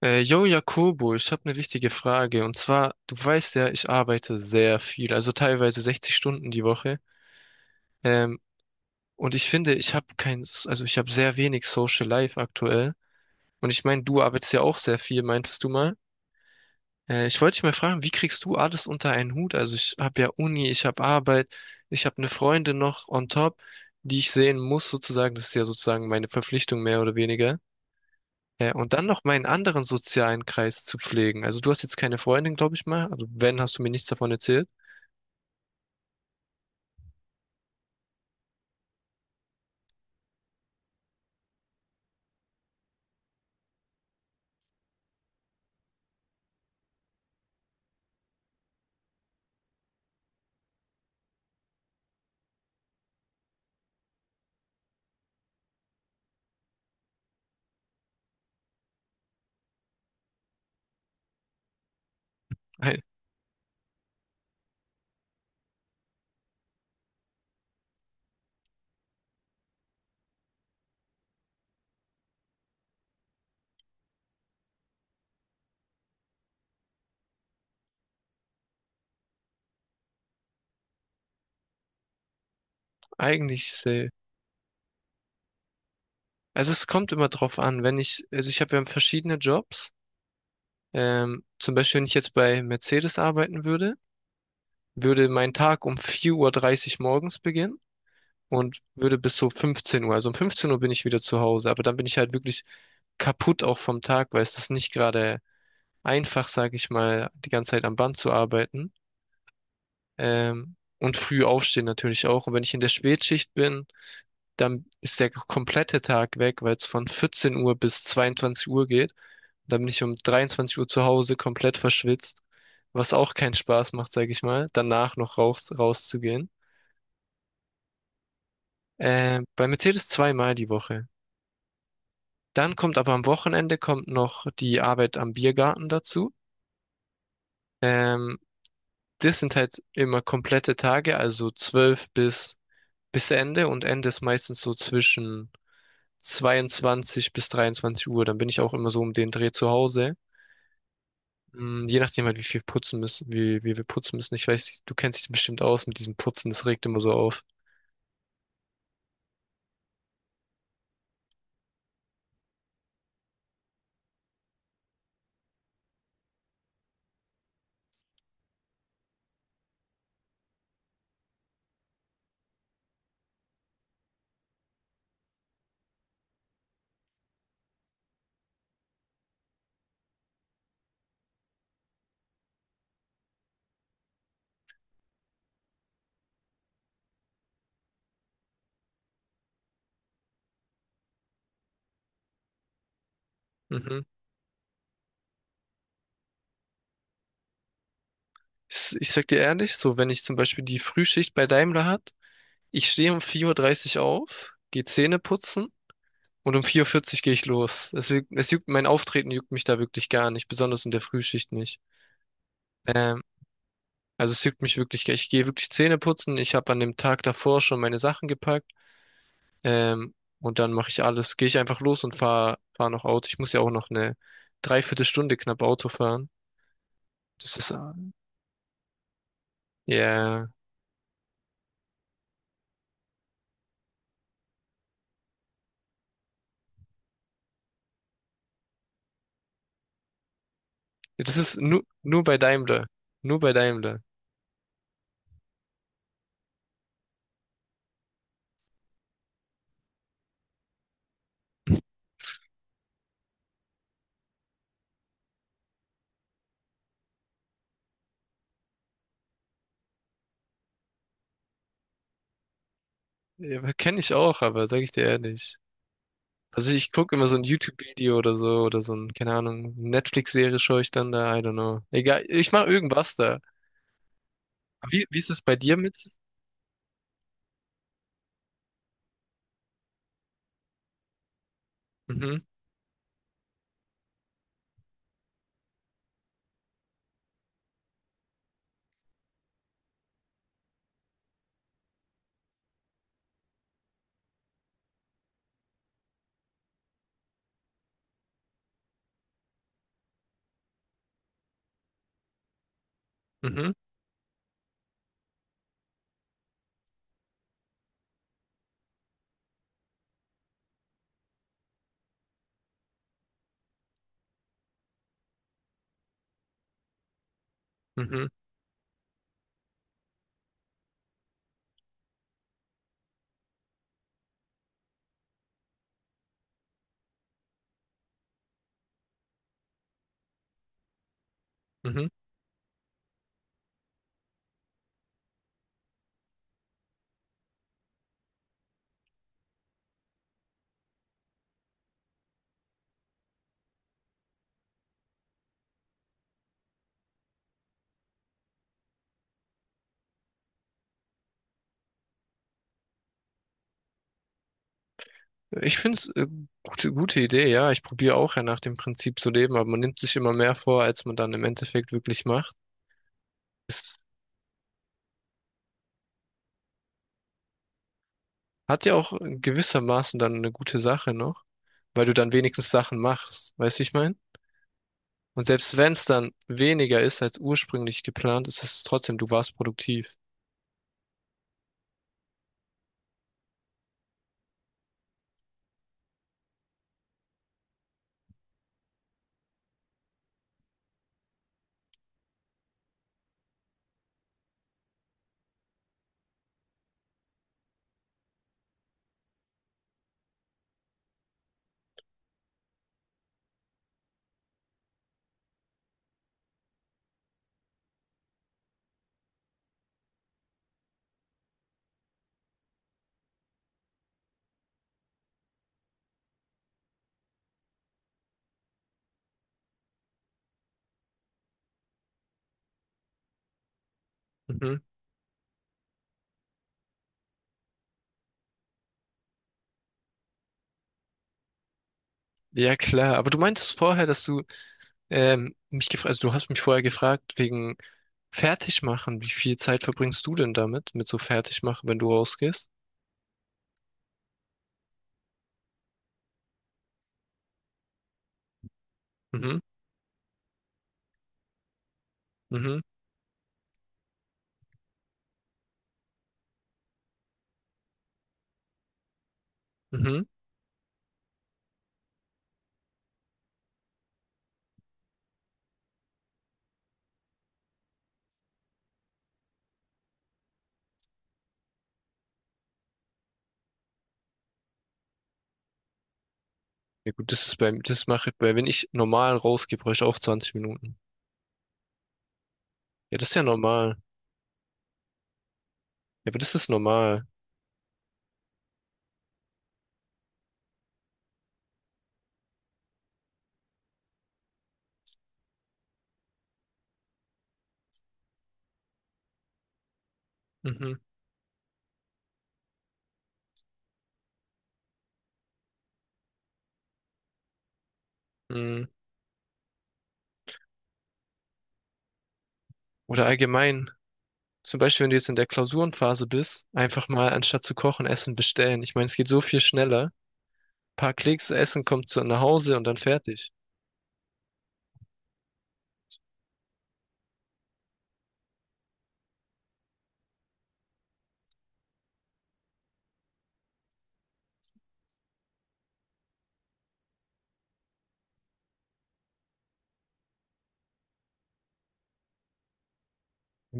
Yo, Jakobo, ich habe eine wichtige Frage. Und zwar, du weißt ja, ich arbeite sehr viel, also teilweise 60 Stunden die Woche. Ähm, und ich finde, ich habe kein, also ich habe sehr wenig Social Life aktuell. Und ich meine, du arbeitest ja auch sehr viel, meintest du mal. Ich wollte dich mal fragen, wie kriegst du alles unter einen Hut? Also ich habe ja Uni, ich habe Arbeit, ich habe eine Freundin noch on top, die ich sehen muss sozusagen. Das ist ja sozusagen meine Verpflichtung mehr oder weniger. Ja, und dann noch meinen anderen sozialen Kreis zu pflegen. Also du hast jetzt keine Freundin, glaube ich mal. Also wenn, hast du mir nichts davon erzählt. Ei- Eigentlich, also es kommt immer drauf an, wenn ich, also ich habe ja verschiedene Jobs. Zum Beispiel, wenn ich jetzt bei Mercedes arbeiten würde, würde mein Tag um 4:30 Uhr morgens beginnen und würde bis so 15 Uhr. Also um 15 Uhr bin ich wieder zu Hause, aber dann bin ich halt wirklich kaputt auch vom Tag, weil es ist nicht gerade einfach, sage ich mal, die ganze Zeit am Band zu arbeiten. Und früh aufstehen natürlich auch. Und wenn ich in der Spätschicht bin, dann ist der komplette Tag weg, weil es von 14 Uhr bis 22 Uhr geht. Dann bin ich um 23 Uhr zu Hause komplett verschwitzt, was auch keinen Spaß macht, sage ich mal, danach noch rauszugehen. Bei Mercedes zweimal die Woche. Dann kommt aber am Wochenende kommt noch die Arbeit am Biergarten dazu. Ähm, das sind halt immer komplette Tage, also 12 bis Ende und Ende ist meistens so zwischen 22 bis 23 Uhr. Dann bin ich auch immer so um den Dreh zu Hause. Je nachdem halt, wie viel putzen müssen, wie wir putzen müssen. Ich weiß, du kennst dich bestimmt aus mit diesem Putzen, das regt immer so auf. Mhm. Ich sag dir ehrlich, so wenn ich zum Beispiel die Frühschicht bei Daimler hat, ich stehe um 4:30 Uhr dreißig auf, gehe Zähne putzen und um 4:40 Uhr vierzig gehe ich los. Es juckt, mein Auftreten juckt mich da wirklich gar nicht, besonders in der Frühschicht nicht. Ähm, Also es juckt mich wirklich, ich gehe wirklich Zähne putzen. Ich habe an dem Tag davor schon meine Sachen gepackt. Ähm, und dann mache ich alles. Gehe ich einfach los und fahre fahr fahr noch Auto. Ich muss ja auch noch eine Dreiviertelstunde knapp Auto fahren. Das ist, ja, yeah. Das ist nur bei Daimler. Nur bei Daimler. Ja, kenne ich auch, aber sage ich dir ehrlich. Also ich gucke immer so ein YouTube-Video oder so ein, keine Ahnung, Netflix-Serie schaue ich dann da, I don't know. Egal, ich mache irgendwas da. Wie ist es bei dir mit? Mhm, mhm, mhm, mhm. Ich finde es gute Idee, ja. Ich probiere auch ja nach dem Prinzip zu leben, aber man nimmt sich immer mehr vor, als man dann im Endeffekt wirklich macht. Es hat ja auch gewissermaßen dann eine gute Sache noch, weil du dann wenigstens Sachen machst, weißt du, wie ich meine? Und selbst wenn es dann weniger ist als ursprünglich geplant, ist es trotzdem, du warst produktiv. Mhm. Ja, klar. Aber du meintest vorher, dass du mich gefragt, also du hast mich vorher gefragt wegen Fertigmachen. Wie viel Zeit verbringst du denn damit, mit so Fertigmachen, wenn du rausgehst? Mhm. Mhm, mhm. Ja gut, das ist beim, das mache ich bei, wenn ich normal rausgehe, brauche ich auch 20 Minuten. Ja, das ist ja normal. Ja, aber das ist normal. Mhm, mhm. Oder allgemein, zum Beispiel, wenn du jetzt in der Klausurenphase bist, einfach mal anstatt zu kochen, Essen bestellen. Ich meine, es geht so viel schneller. Paar Klicks, Essen kommt zu, nach Hause und dann fertig.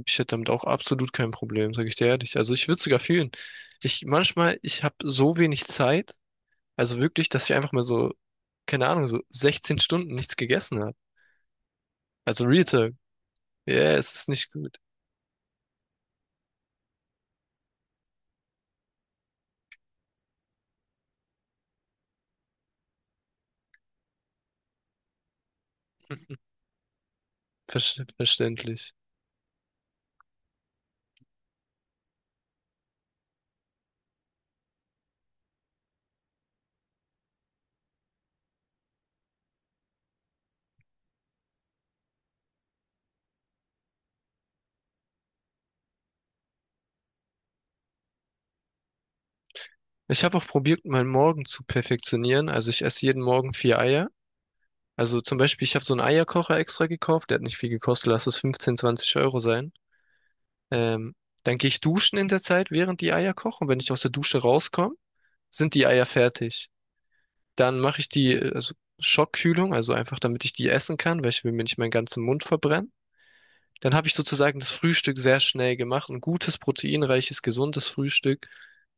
Ich hätte damit auch absolut kein Problem, sage ich dir ehrlich. Also ich würde sogar fühlen. Ich manchmal, ich habe so wenig Zeit, also wirklich, dass ich einfach mal so, keine Ahnung, so 16 Stunden nichts gegessen. Also Real Talk. Ja, es ist nicht gut. Verständlich. Ich habe auch probiert, meinen Morgen zu perfektionieren. Also ich esse jeden Morgen vier Eier. Also zum Beispiel, ich habe so einen Eierkocher extra gekauft. Der hat nicht viel gekostet. Lass es 15, 20 Euro sein. Ähm, dann gehe ich duschen in der Zeit, während die Eier kochen. Und wenn ich aus der Dusche rauskomme, sind die Eier fertig. Dann mache ich die, also Schockkühlung, also einfach damit ich die essen kann, weil ich will mir nicht meinen ganzen Mund verbrennen. Dann habe ich sozusagen das Frühstück sehr schnell gemacht. Ein gutes, proteinreiches, gesundes Frühstück.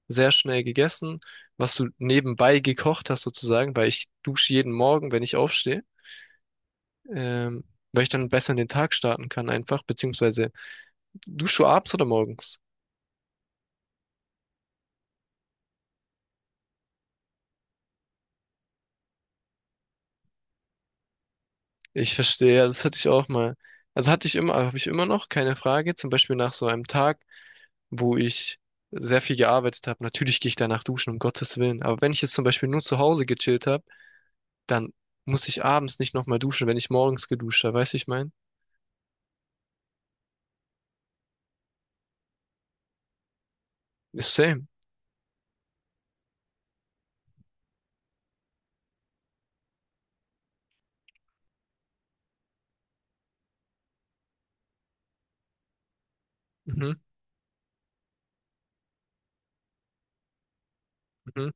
Sehr schnell gegessen, was du nebenbei gekocht hast sozusagen, weil ich dusche jeden Morgen, wenn ich aufstehe, ähm, weil ich dann besser in den Tag starten kann einfach, beziehungsweise dusche du abends oder morgens? Ich verstehe, ja, das hatte ich auch mal. Also hatte ich immer, habe ich immer noch, keine Frage. Zum Beispiel nach so einem Tag, wo ich sehr viel gearbeitet habe. Natürlich gehe ich danach duschen, um Gottes Willen. Aber wenn ich jetzt zum Beispiel nur zu Hause gechillt habe, dann muss ich abends nicht nochmal duschen, wenn ich morgens geduscht habe. Weißt du, wie ich mein? Same. Mhm, mhm,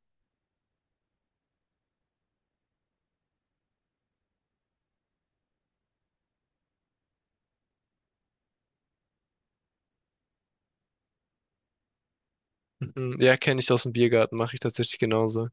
mhm. Ja, kenne ich aus dem Biergarten, mache ich tatsächlich genauso.